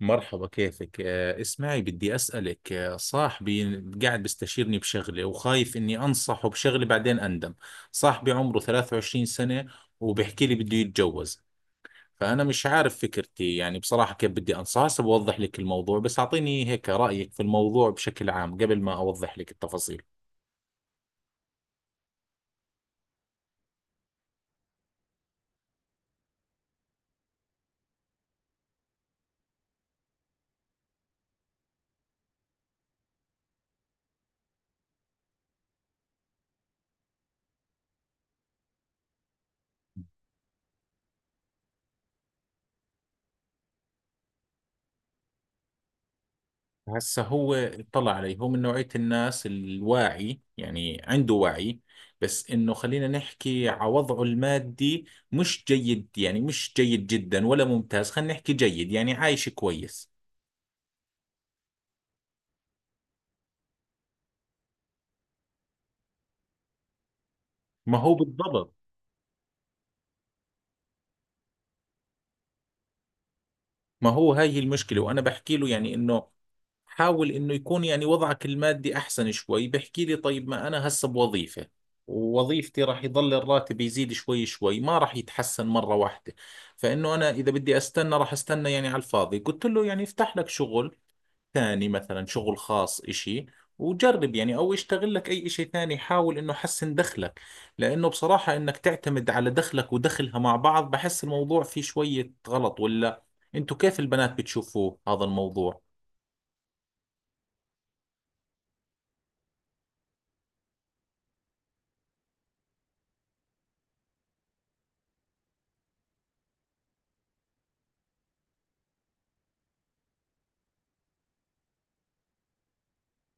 مرحبا، كيفك؟ اسمعي، بدي أسألك. صاحبي قاعد بيستشيرني بشغلة وخايف إني أنصحه بشغلة بعدين أندم. صاحبي عمره 23 سنة وبحكي لي بده يتجوز. فأنا مش عارف فكرتي، يعني بصراحة كيف بدي أنصحه. هسه بوضح لك الموضوع، بس أعطيني هيك رأيك في الموضوع بشكل عام قبل ما أوضح لك التفاصيل. هسه هو اطلع عليه، هو من نوعية الناس الواعي، يعني عنده وعي. بس انه خلينا نحكي على وضعه المادي. مش جيد، يعني مش جيد جدا ولا ممتاز، خلينا نحكي جيد، يعني عايش كويس. ما هو بالضبط. ما هو هاي هي المشكلة، وانا بحكي له يعني انه حاول انه يكون يعني وضعك المادي احسن شوي. بحكي لي طيب، ما انا هسه بوظيفة ووظيفتي راح يضل الراتب يزيد شوي شوي، ما راح يتحسن مرة واحدة. فانه انا اذا بدي استنى راح استنى يعني على الفاضي. قلت له يعني افتح لك شغل ثاني، مثلا شغل خاص اشي، وجرب يعني، او اشتغل لك اي اشي ثاني، حاول انه حسن دخلك. لانه بصراحة انك تعتمد على دخلك ودخلها مع بعض، بحس الموضوع فيه شوية غلط. ولا انتوا كيف البنات بتشوفوه هذا الموضوع؟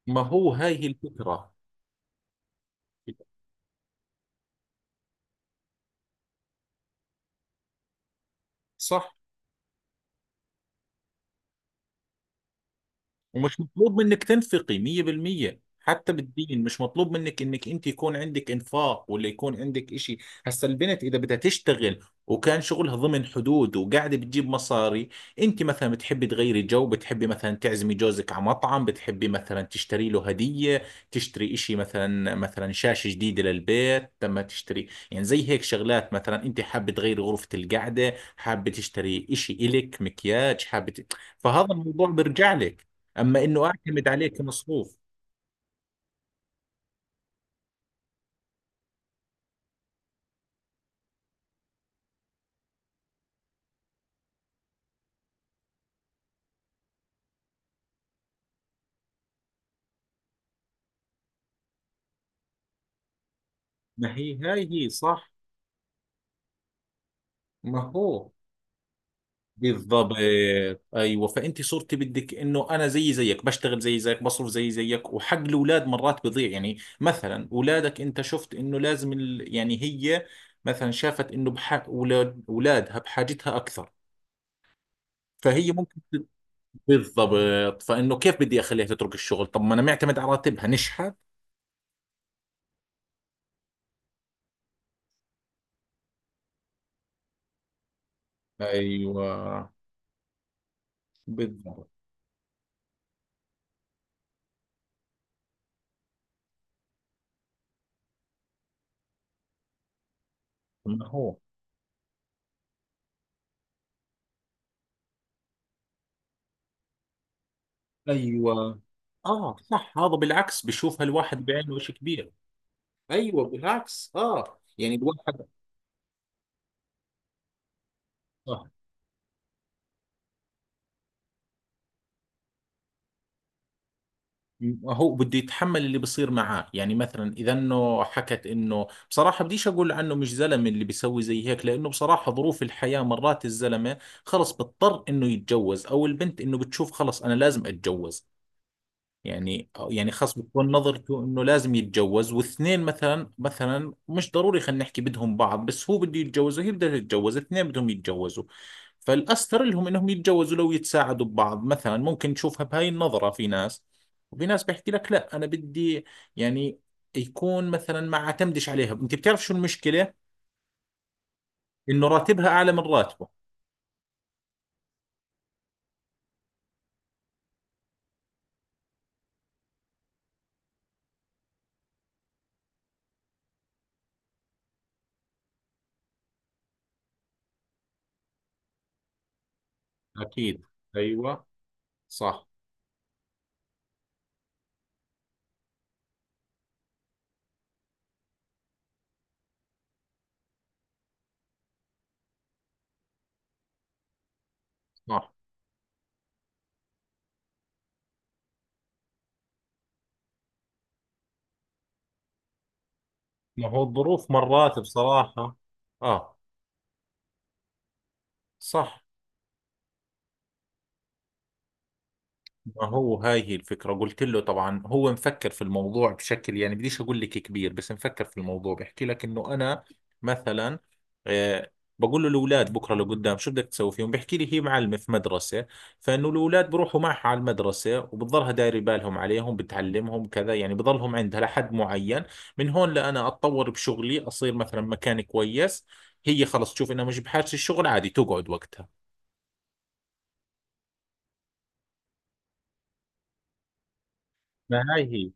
ما هو هاي هي الفكرة. صح. ومش مطلوب منك تنفقي 100%. حتى بالدين مش مطلوب منك انك انت يكون عندك انفاق ولا يكون عندك اشي. هسا البنت اذا بدها تشتغل وكان شغلها ضمن حدود وقاعده بتجيب مصاري، انت مثلا بتحبي تغيري جو، بتحبي مثلا تعزمي جوزك على مطعم، بتحبي مثلا تشتري له هديه، تشتري اشي، مثلا شاشه جديده للبيت. لما تشتري يعني زي هيك شغلات، مثلا انت حابه تغيري غرفه القعده، حابه تشتري اشي الك مكياج، فهذا الموضوع بيرجع لك. اما انه اعتمد عليه كمصروف. ما هي هاي هي صح. ما هو بالضبط. ايوه، فانت صرتي بدك انه انا زي زيك بشتغل زي زيك بصرف زي زيك، وحق الاولاد مرات بضيع. يعني مثلا اولادك، انت شفت انه لازم يعني هي مثلا شافت انه بحق اولاد اولادها بحاجتها اكثر، فهي ممكن ت- بالضبط. فانه كيف بدي اخليها تترك الشغل؟ طب ما انا معتمد على راتبها نشحت. ايوه، بالضبط. ما هو. ايوه. اه صح، هذا بالعكس بيشوفها الواحد بعينه شيء كبير. ايوه، بالعكس. اه، يعني الواحد. آه. هو بده يتحمل اللي بصير معاه. يعني مثلا اذا انه حكت انه بصراحه بديش اقول عنه مش زلمه اللي بيسوي زي هيك، لانه بصراحه ظروف الحياه مرات الزلمه خلص بضطر انه يتجوز، او البنت انه بتشوف خلص انا لازم اتجوز. يعني خاص بتكون نظرته انه لازم يتجوز، واثنين مثلا مش ضروري خلينا نحكي بدهم بعض، بس هو بده يتجوز وهي بدها تتجوز، اثنين بدهم يتجوزوا، فالاستر لهم انهم يتجوزوا لو يتساعدوا ببعض. مثلا ممكن تشوفها بهاي النظرة في ناس، وفي ناس بيحكي لك لا انا بدي يعني يكون مثلا ما اعتمدش عليها. انت بتعرف شو المشكلة؟ انه راتبها اعلى من راتبه. أكيد. ايوه. صح صح. ما هو الظروف مرات بصراحة. اه، صح. ما هو هاي هي الفكرة. قلت له طبعا هو مفكر في الموضوع بشكل يعني بديش أقول لك كبير، بس مفكر في الموضوع. بحكي لك إنه أنا مثلا، آه بقول له الأولاد بكرة لقدام شو بدك تسوي فيهم؟ بحكي لي هي معلمة في مدرسة، فإنه الأولاد بروحوا معها على المدرسة وبتضلها دايرة بالهم عليهم بتعلمهم كذا، يعني بضلهم عندها لحد معين. من هون لأنا أتطور بشغلي أصير مثلا مكان كويس، هي خلص تشوف إنها مش بحاجة الشغل، عادي تقعد وقتها. ما هاي هي.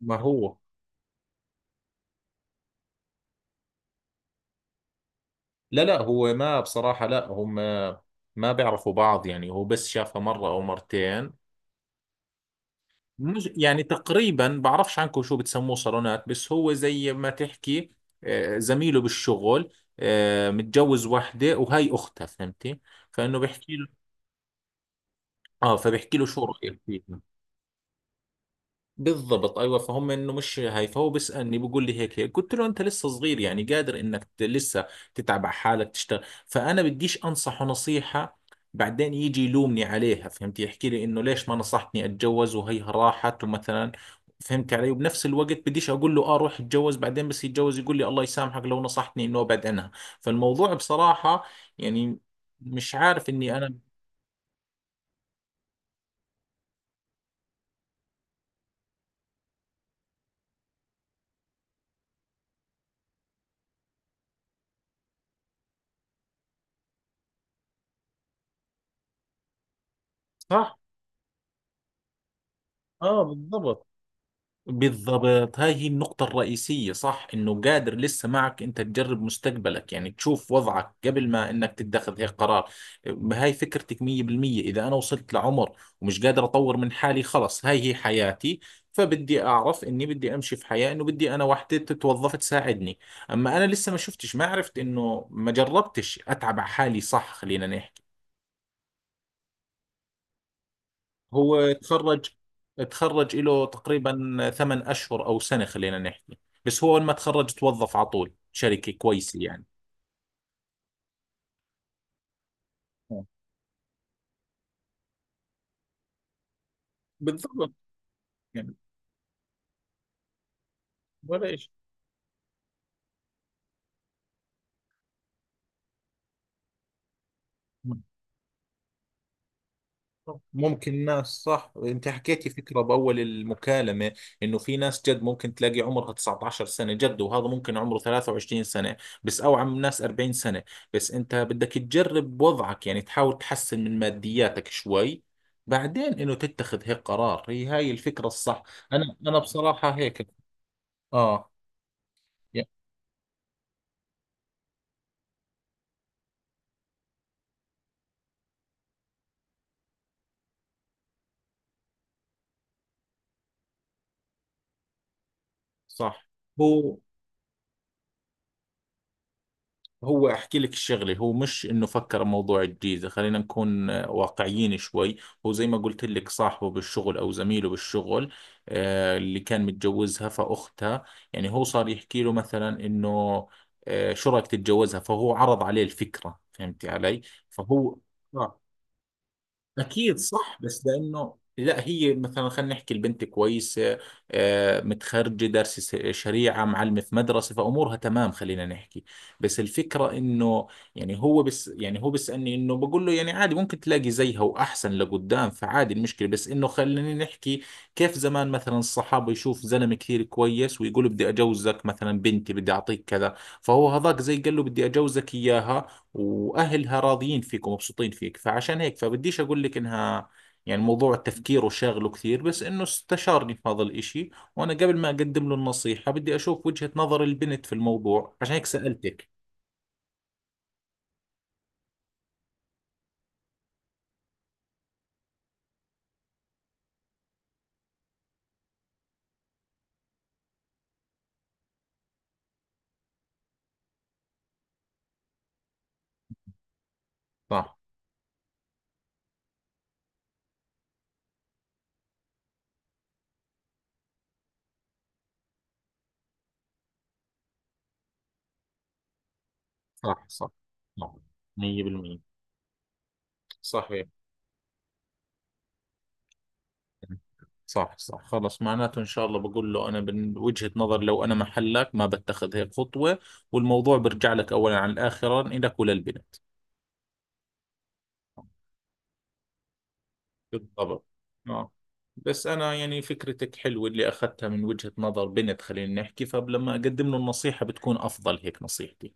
ما هو. لا لا هو ما بصراحة لا هم ما بيعرفوا بعض. يعني هو بس شافها مرة أو مرتين. مش يعني تقريبا بعرفش عنكم شو بتسموه صالونات، بس هو زي ما تحكي. زميله بالشغل، متجوز وحدة وهي أختها، فهمتي؟ فإنه بيحكي له، فبيحكي له شو رأيك فيها. بالضبط. ايوه، فهم انه مش هاي. فهو بيسالني بيقول لي هيك هيك. قلت له انت لسه صغير، يعني قادر انك لسه تتعب على حالك تشتغل. فانا بديش انصحه نصيحه بعدين يجي يلومني عليها. فهمت؟ يحكي لي انه ليش ما نصحتني اتجوز وهيها راحت ومثلا. فهمت علي؟ وبنفس الوقت بديش اقول له اه روح اتجوز، بعدين بس يتجوز يقول لي الله يسامحك لو نصحتني انه ابعد عنها. فالموضوع بصراحه يعني مش عارف اني انا. صح. اه، بالضبط. بالضبط، هاي هي النقطة الرئيسية. صح إنه قادر لسه معك أنت تجرب مستقبلك، يعني تشوف وضعك قبل ما إنك تتخذ هيك قرار. هاي فكرتك 100%. إذا أنا وصلت لعمر ومش قادر أطور من حالي، خلص هاي هي حياتي، فبدي أعرف إني بدي أمشي في حياة إنه بدي أنا وحدة تتوظف تساعدني. أما أنا لسه ما شفتش ما عرفت إنه ما جربتش أتعب على حالي، صح، خلينا نحكي. هو تخرج، تخرج له تقريبا 8 أشهر أو سنة خلينا نحكي. بس هو لما تخرج توظف على طول شركة كويسة يعني. آه. بالضبط. يعني ولا إيش. ممكن ناس، صح انت حكيتي فكرة بأول المكالمة، انه في ناس جد ممكن تلاقي عمرها 19 سنة جد، وهذا ممكن عمره 23 سنة، بس او عم ناس 40 سنة. بس انت بدك تجرب وضعك، يعني تحاول تحسن من مادياتك شوي، بعدين انه تتخذ هيك قرار. هي هاي الفكرة الصح. انا بصراحة هيك. اه. يا- صح. هو هو احكي لك الشغله، هو مش انه فكر موضوع الجيزه. خلينا نكون واقعيين شوي. هو زي ما قلت لك صاحبه بالشغل او زميله بالشغل، اللي كان متجوزها فاختها. يعني هو صار يحكي له مثلا انه، شو رايك تتجوزها. فهو عرض عليه الفكره، فهمتي علي؟ فهو آه أكيد صح. بس لأنه لا هي مثلا خلينا نحكي البنت كويسة، متخرجة دارسة شريعة، معلمة في مدرسة، فأمورها تمام خلينا نحكي. بس الفكرة إنه يعني هو بس يعني هو بيسألني إنه بقول له يعني عادي، ممكن تلاقي زيها وأحسن لقدام فعادي، المشكلة بس إنه خلينا نحكي. كيف زمان مثلا الصحابة يشوف زلمة كثير كويس ويقول بدي أجوزك مثلا بنتي بدي أعطيك كذا، فهو هذاك زي قال له بدي اجوزك اياها واهلها راضيين فيك ومبسوطين فيك، فعشان هيك فبديش اقول لك انها يعني موضوع التفكير وشاغله كثير، بس انه استشارني في هذا الاشي، وانا قبل ما اقدم له النصيحة بدي اشوف وجهة نظر البنت في الموضوع عشان هيك سألتك. صح صح صح صح 100%. صحيح. صح صح. خلص معناته ان شاء الله بقول له انا من وجهة نظر لو انا محلك ما بتخذ هيك خطوة، والموضوع برجع لك اولا عن الاخرا لك وللبنت. بالضبط. اه. بس انا يعني فكرتك حلوه اللي اخذتها من وجهه نظر بنت خلينا نحكي، فلما اقدم له النصيحه بتكون افضل، هيك نصيحتي.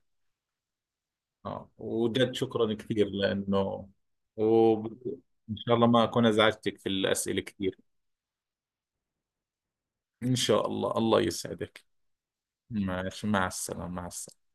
اه وجد، شكرا كثير لانه، وان شاء الله ما اكون ازعجتك في الاسئله كثير. ان شاء الله، الله يسعدك. ماشي، مع السلامه، مع السلامه.